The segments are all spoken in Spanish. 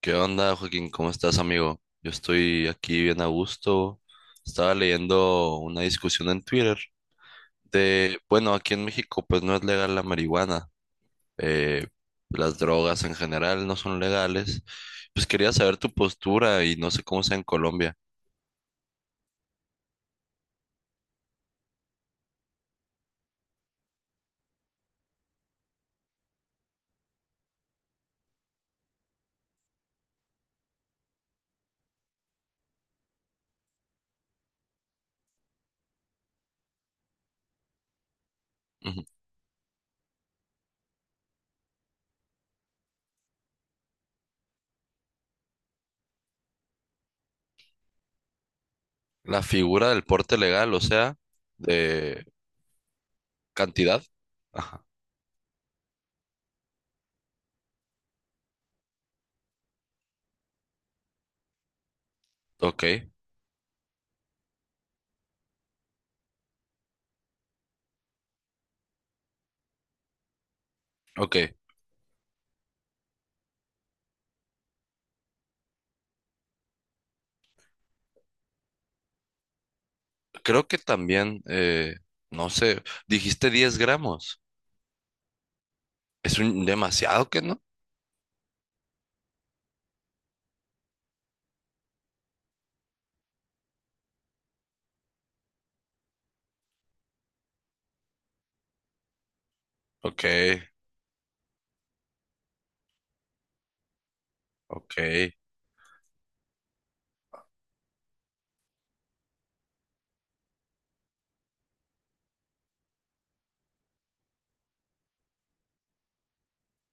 ¿Qué onda, Joaquín? ¿Cómo estás, amigo? Yo estoy aquí bien a gusto. Estaba leyendo una discusión en Twitter de, bueno, aquí en México pues no es legal la marihuana. eh, las drogas en general no son legales. Pues quería saber tu postura y no sé cómo sea en Colombia. Ujú. La figura del porte legal, o sea, de cantidad. Ajá. Ok, ok. Creo que también, no sé, dijiste 10 gramos. Es un demasiado que no. Ok, ok.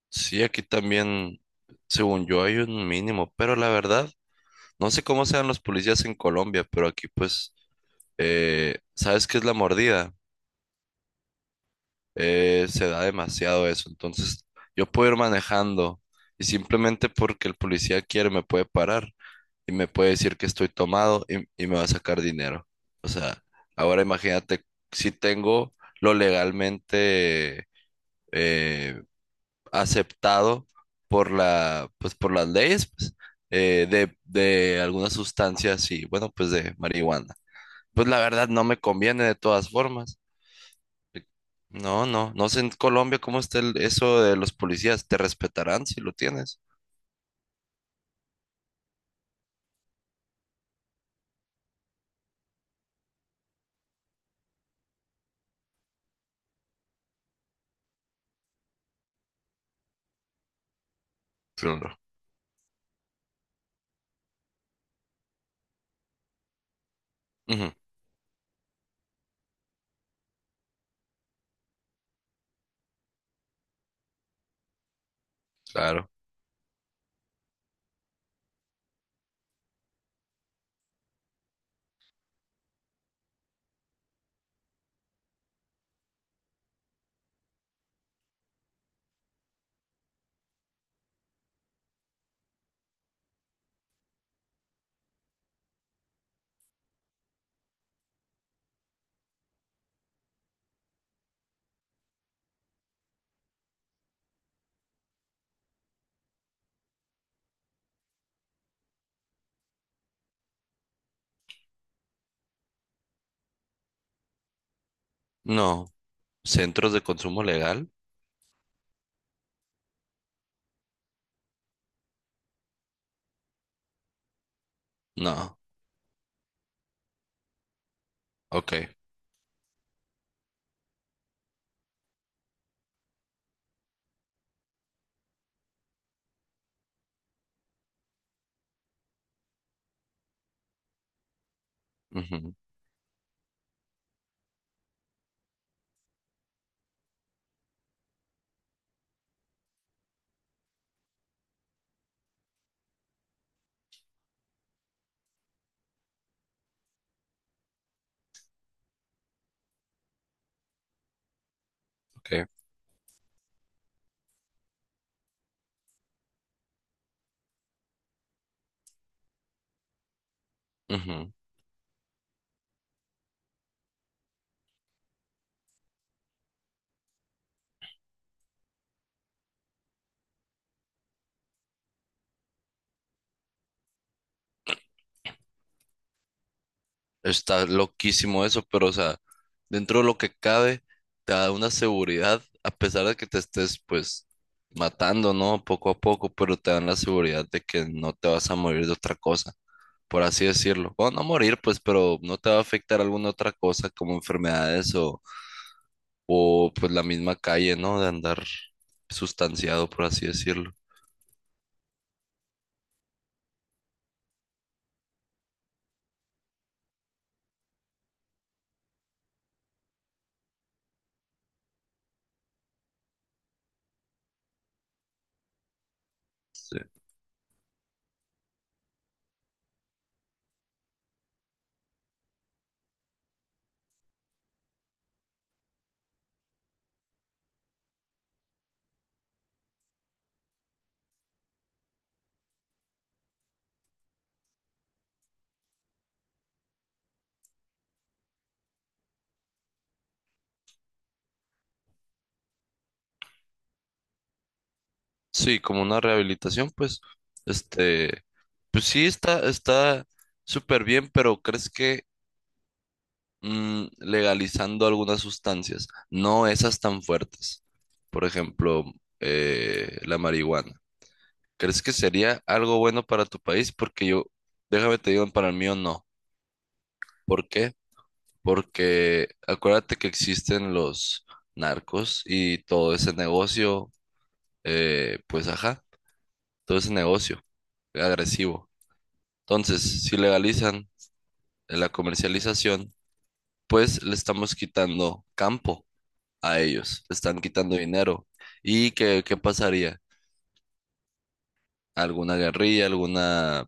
Sí, aquí también, según yo, hay un mínimo, pero la verdad, no sé cómo sean los policías en Colombia, pero aquí pues, ¿sabes qué es la mordida? Se da demasiado eso, entonces yo puedo ir manejando y simplemente porque el policía quiere me puede parar y me puede decir que estoy tomado y me va a sacar dinero. O sea, ahora imagínate si tengo lo legalmente... eh, aceptado por la, pues, por las leyes, pues, de algunas sustancias y, bueno, pues de marihuana. Pues la verdad no me conviene de todas formas. No sé en Colombia cómo está el- eso de los policías. Te respetarán si lo tienes. Claro. Ujú, claro. No. ¿Centros de consumo legal? No. Ok. Ujú, ok. Ujú. Está loquísimo eso, pero o sea, dentro de lo que cabe, te da una seguridad, a pesar de que te estés pues matando, ¿no? Poco a poco, pero te dan la seguridad de que no te vas a morir de otra cosa, por así decirlo. Bueno, no morir, pues, pero no te va a afectar alguna otra cosa como enfermedades o pues la misma calle, ¿no? De andar sustanciado, por así decirlo. Sí, sí, como una rehabilitación, pues, este, pues sí está súper bien, pero ¿crees que... mm, legalizando algunas sustancias, no esas tan fuertes. Por ejemplo, la marihuana. ¿Crees que sería algo bueno para tu país? Porque yo, déjame te digo, para el mío no. ¿Por qué? Porque acuérdate que existen los narcos y todo ese negocio, pues ajá, todo ese negocio agresivo. Entonces, si legalizan la comercialización, pues le estamos quitando campo a ellos, le están quitando dinero. ¿Y qué pasaría? ¿Alguna guerrilla, alguna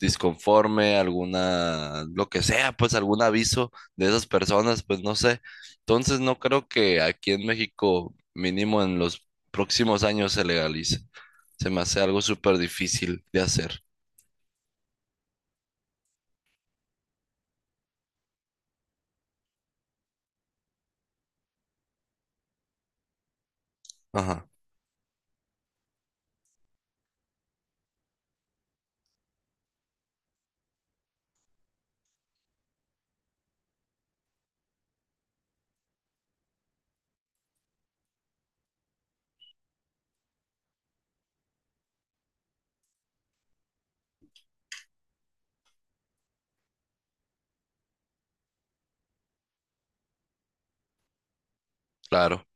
disconforme, alguna, lo que sea, pues algún aviso de esas personas? Pues no sé. Entonces no creo que aquí en México, mínimo en los próximos años, se legalice. Se me hace algo súper difícil de hacer. Ajá, claro,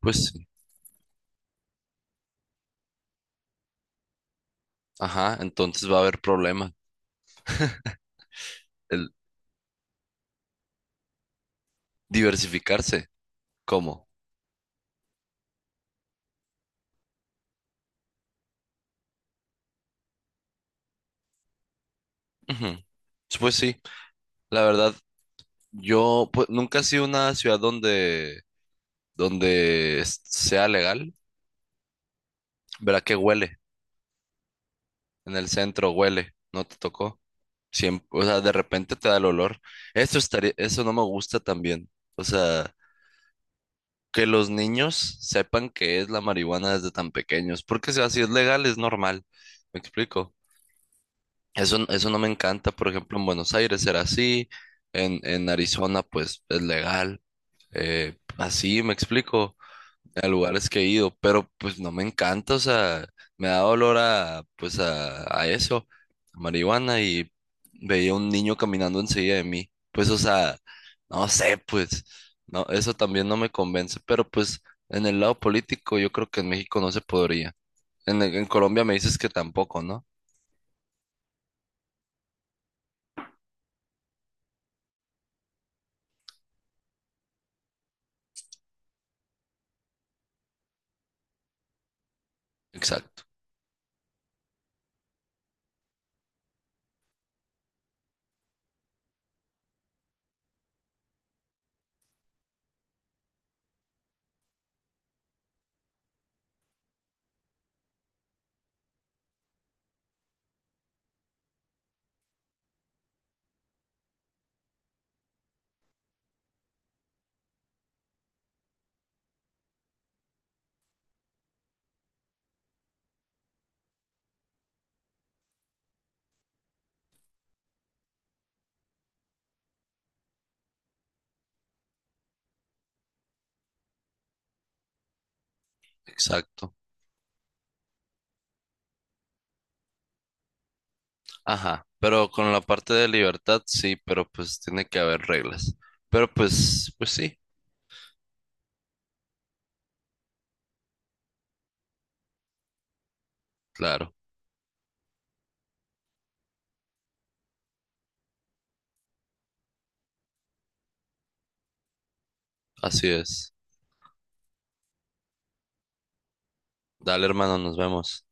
pues sí. Ajá, entonces va a haber problemas. El diversificarse. ¿Cómo? Ujú. Pues sí, la verdad, yo pues, nunca he sido una ciudad donde, donde es- sea legal. Verá que huele. En el centro huele. No te tocó. Siempre, o sea, de repente te da el olor. Eso estaría, eso no me gusta también. O sea, que los niños sepan que es la marihuana desde tan pequeños. Porque si así es legal, es normal. ¿Me explico? Eso, n- eso no me encanta. Por ejemplo, en Buenos Aires era así. En Arizona, pues es legal. Así, me explico. A lugares que he ido, pero pues no me encanta, o sea, me da dolor a, pues a eso, a marihuana, y veía un niño caminando enseguida de mí, pues o sea, no sé, pues, no, eso también no me convence, pero pues en el lado político yo creo que en México no se podría, en Colombia me dices que tampoco, ¿no? Exacto, exacto, ajá, pero con la parte de libertad sí, pero pues tiene que haber reglas, pero pues, pues sí, claro, así es. Dale, hermano, nos vemos.